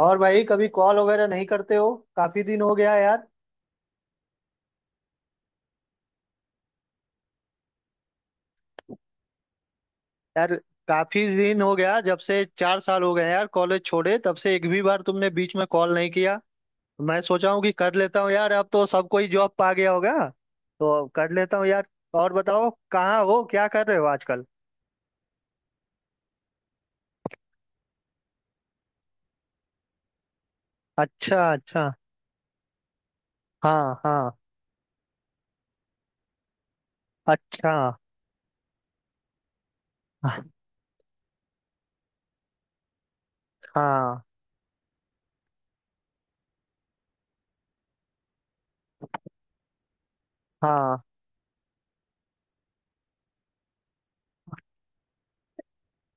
और भाई कभी कॉल वगैरह नहीं करते हो काफी दिन हो गया यार यार काफी दिन हो गया। जब से 4 साल हो गए यार कॉलेज छोड़े, तब से एक भी बार तुमने बीच में कॉल नहीं किया। मैं सोचा हूँ कि कर लेता हूँ यार, अब तो सबको ही जॉब पा गया होगा। तो अब कर लेता हूँ यार। और बताओ, कहाँ हो, क्या कर रहे हो आजकल? अच्छा अच्छा। हाँ हाँ। अच्छा। हाँ हाँ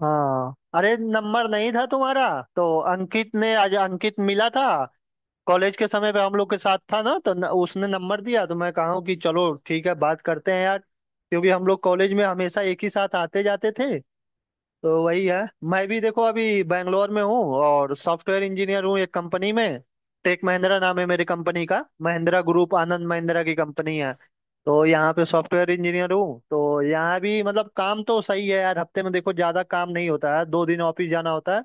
हाँ। अरे, नंबर नहीं था तुम्हारा। तो अंकित ने आज अंकित मिला था। कॉलेज के समय पे हम लोग के साथ था ना, तो न, उसने नंबर दिया तो मैं कहा कि चलो ठीक है, बात करते हैं यार। क्योंकि हम लोग कॉलेज में हमेशा एक ही साथ आते जाते थे, तो वही है। मैं भी देखो अभी बैंगलोर में हूँ और सॉफ्टवेयर इंजीनियर हूँ एक कंपनी में। टेक महिंद्रा नाम है मेरी कंपनी का, महिंद्रा ग्रुप, आनंद महिंद्रा की कंपनी है। तो यहाँ पे सॉफ्टवेयर इंजीनियर हूँ, तो यहाँ भी मतलब काम तो सही है यार। हफ्ते में देखो ज्यादा काम नहीं होता है, 2 दिन ऑफिस जाना होता है।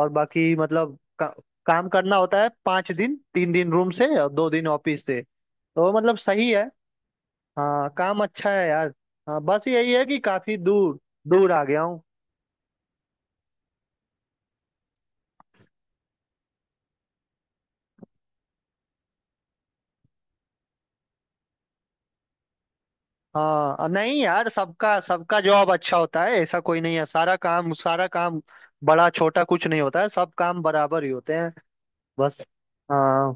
और बाकी मतलब काम करना होता है 5 दिन, 3 दिन रूम से और 2 दिन ऑफिस से, तो मतलब सही है। हाँ, काम अच्छा है यार। हाँ, बस यही है कि काफी दूर, दूर आ गया हूँ। हाँ, नहीं यार, सबका सबका जॉब अच्छा होता है, ऐसा कोई नहीं है। सारा काम, सारा काम, बड़ा छोटा कुछ नहीं होता है, सब काम बराबर ही होते हैं। बस। हाँ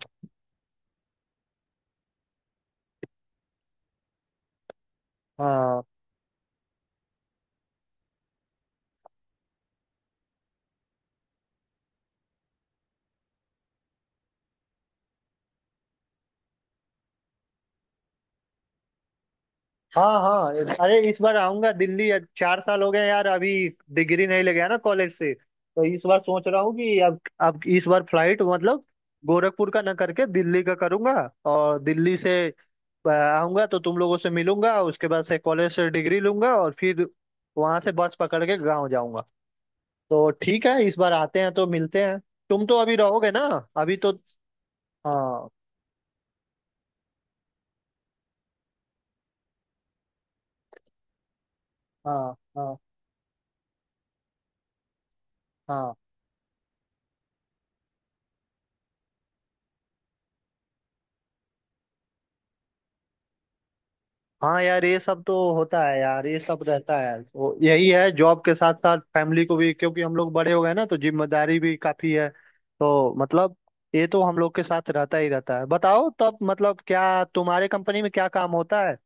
हाँ हाँ हाँ। अरे इस बार आऊंगा दिल्ली। आज 4 साल हो गए यार, अभी डिग्री नहीं ले गया ना कॉलेज से, तो इस बार सोच रहा हूँ कि अब इस बार फ्लाइट मतलब गोरखपुर का ना करके दिल्ली का करूंगा। और दिल्ली से आऊंगा तो तुम लोगों से मिलूंगा, उसके बाद से कॉलेज से डिग्री लूंगा, और फिर वहां से बस पकड़ के गाँव जाऊंगा। तो ठीक है, इस बार आते हैं तो मिलते हैं। तुम तो अभी रहोगे ना, अभी तो। हाँ हाँ हाँ हाँ। हाँ यार, ये सब तो होता है यार, ये सब रहता है, वो यही है। जॉब के साथ साथ फैमिली को भी, क्योंकि हम लोग बड़े हो गए ना तो जिम्मेदारी भी काफी है, तो मतलब ये तो हम लोग के साथ रहता ही रहता है। बताओ तब मतलब, क्या तुम्हारे कंपनी में क्या काम होता है?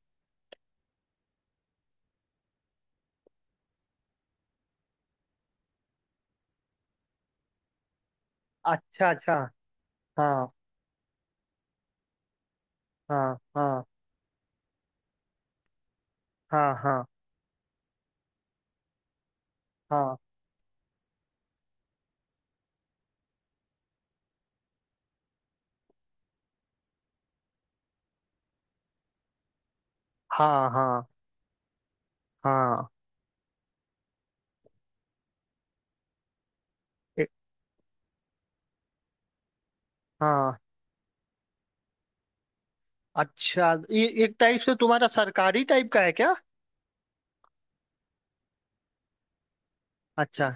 अच्छा अच्छा। हाँ हाँ हाँ हाँ हाँ हाँ हाँ हाँ हाँ। ए- हाँ, अच्छा ये एक टाइप से तुम्हारा सरकारी टाइप का है क्या? अच्छा।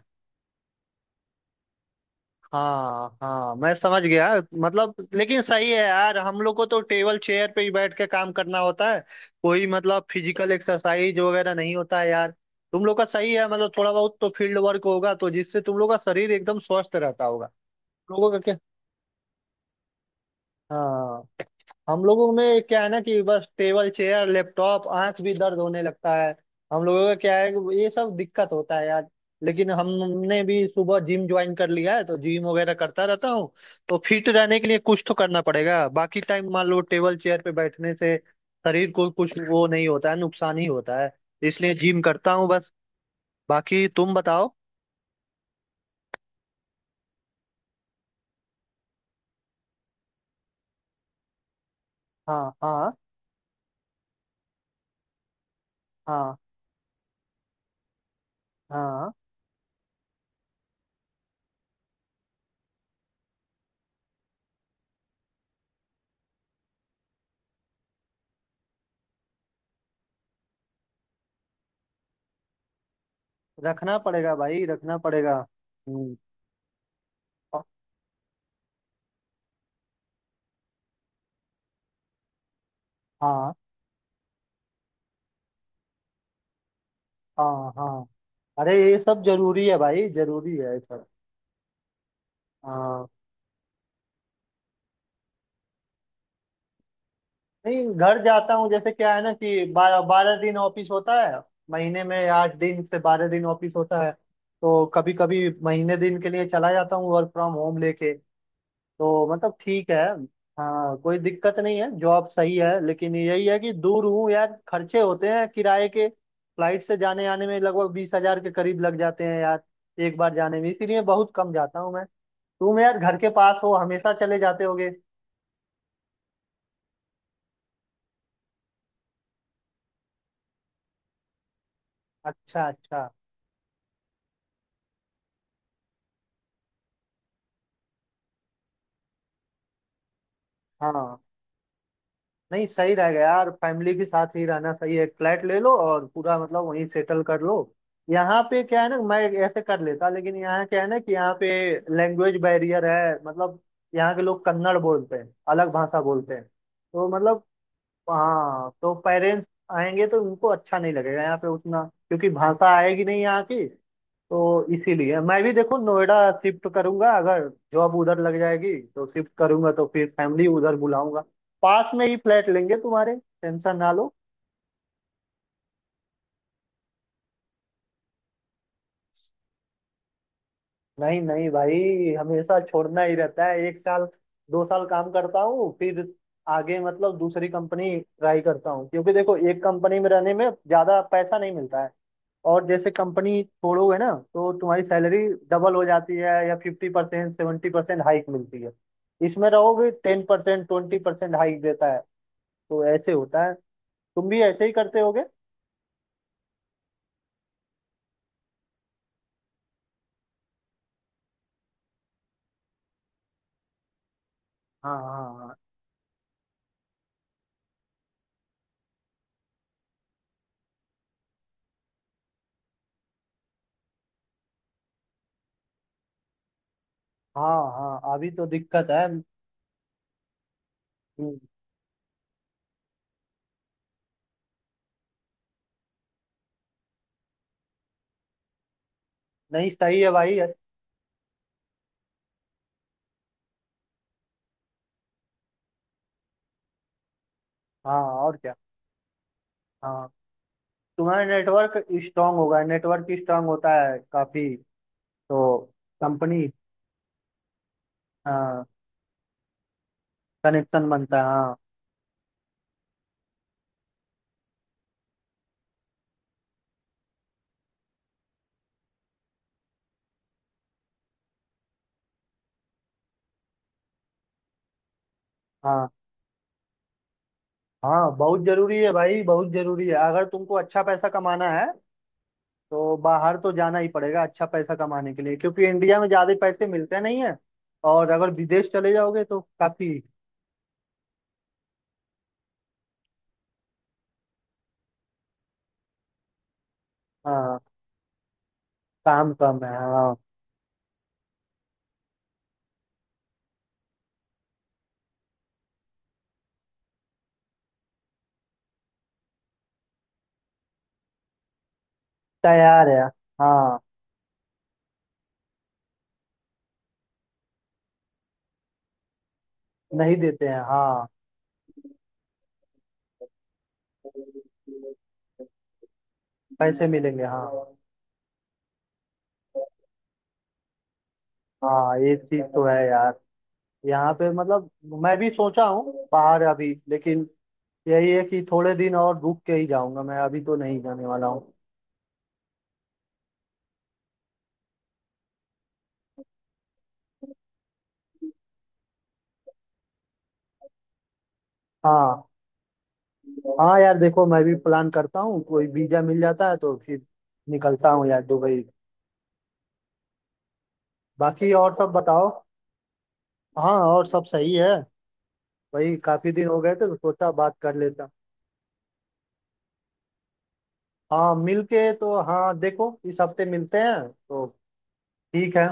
हाँ हाँ, मैं समझ गया। मतलब लेकिन सही है यार, हम लोग को तो टेबल चेयर पे ही बैठ के काम करना होता है। कोई मतलब फिजिकल एक्सरसाइज वगैरह नहीं होता है यार। तुम लोग का सही है मतलब, थोड़ा बहुत तो फील्ड वर्क होगा तो जिससे तुम लोग का शरीर एकदम स्वस्थ रहता होगा। लोगों का क्या? हाँ, हम लोगों में क्या है ना कि बस टेबल चेयर लैपटॉप, आंख भी दर्द होने लगता है। हम लोगों का क्या है कि ये सब दिक्कत होता है यार। लेकिन हमने भी सुबह जिम ज्वाइन कर लिया है, तो जिम वगैरह करता रहता हूँ। तो फिट रहने के लिए कुछ तो करना पड़ेगा, बाकी टाइम मान लो टेबल चेयर पे बैठने से शरीर को कुछ वो नहीं होता है, नुकसान ही होता है। इसलिए जिम करता हूँ बस। बाकी तुम बताओ। हाँ हाँ हाँ हाँ। रखना पड़ेगा भाई, रखना पड़ेगा। हम्म, हाँ हाँ हाँ। अरे ये सब जरूरी है भाई, जरूरी है ये सब। हाँ, नहीं घर जाता हूँ। जैसे क्या है ना कि 12-12 दिन ऑफिस होता है, महीने में 8 दिन से 12 दिन ऑफिस होता है। तो कभी कभी महीने दिन के लिए चला जाता हूँ वर्क फ्रॉम होम लेके, तो मतलब ठीक है। हाँ, कोई दिक्कत नहीं है, जॉब सही है, लेकिन यही है कि दूर हूँ यार, खर्चे होते हैं किराए के, फ्लाइट से जाने आने में लगभग 20 हजार के करीब लग जाते हैं यार, एक बार जाने में। इसीलिए बहुत कम जाता हूँ मैं। तुम यार घर के पास हो, हमेशा चले जाते होगे। अच्छा अच्छा। हाँ, नहीं सही रहेगा यार, फैमिली के साथ ही रहना सही है। फ्लैट ले लो और पूरा मतलब वहीं सेटल कर लो। यहाँ पे क्या है ना, मैं ऐसे कर लेता, लेकिन यहाँ क्या है ना कि यहाँ पे लैंग्वेज बैरियर है। मतलब यहाँ के लोग कन्नड़ बोलते हैं, अलग भाषा बोलते हैं तो मतलब, हाँ तो पेरेंट्स आएंगे तो उनको अच्छा नहीं लगेगा यहाँ पे उतना, क्योंकि भाषा आएगी नहीं यहाँ की। तो इसीलिए मैं भी देखो नोएडा शिफ्ट करूंगा, अगर जॉब उधर लग जाएगी तो शिफ्ट करूंगा, तो फिर फैमिली उधर बुलाऊंगा। पास में ही फ्लैट लेंगे तुम्हारे। टेंशन ना लो। नहीं नहीं भाई, हमेशा छोड़ना ही रहता है। एक साल 2 साल काम करता हूँ, फिर आगे मतलब दूसरी कंपनी ट्राई करता हूँ। क्योंकि देखो एक कंपनी में रहने में ज्यादा पैसा नहीं मिलता है। और जैसे कंपनी छोड़ोगे ना तो तुम्हारी सैलरी डबल हो जाती है, या 50% 70% हाइक मिलती है। इसमें रहोगे 10% 20% हाइक देता है। तो ऐसे होता है। तुम भी ऐसे ही करते होगे। हाँ हाँ हाँ हाँ। हाँ, अभी तो दिक्कत है। नहीं, सही है भाई। हाँ और क्या। हाँ, तुम्हारा नेटवर्क स्ट्रांग होगा, नेटवर्क स्ट्रांग होता है काफी। तो कंपनी, हाँ, कनेक्शन बनता है। हाँ हाँ, बहुत जरूरी है भाई, बहुत जरूरी है। अगर तुमको अच्छा पैसा कमाना है तो बाहर तो जाना ही पड़ेगा, अच्छा पैसा कमाने के लिए, क्योंकि इंडिया में ज्यादा पैसे मिलते नहीं है। और अगर विदेश चले जाओगे तो काफी। हाँ, काम कम है। हाँ, तैयार है। हाँ, नहीं देते हैं। हाँ, पैसे मिलेंगे। हाँ, हाँ ये चीज तो है यार। यहाँ पे मतलब मैं भी सोचा हूँ बाहर, अभी लेकिन यही है कि थोड़े दिन और रुक के ही जाऊंगा, मैं अभी तो नहीं जाने वाला हूँ। हाँ हाँ यार, देखो मैं भी प्लान करता हूँ, कोई वीजा मिल जाता है तो फिर निकलता हूँ यार दुबई। बाकी और सब बताओ। हाँ और सब सही है। वही, काफी दिन हो गए थे तो सोचा बात कर लेता। हाँ, मिलके तो हाँ, देखो इस हफ्ते मिलते हैं तो, ठीक है,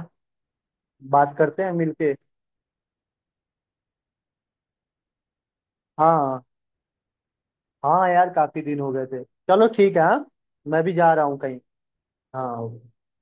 बात करते हैं मिलके। हाँ हाँ यार, काफी दिन हो गए थे। चलो ठीक है। हाँ, मैं भी जा रहा हूँ कहीं। हाँ।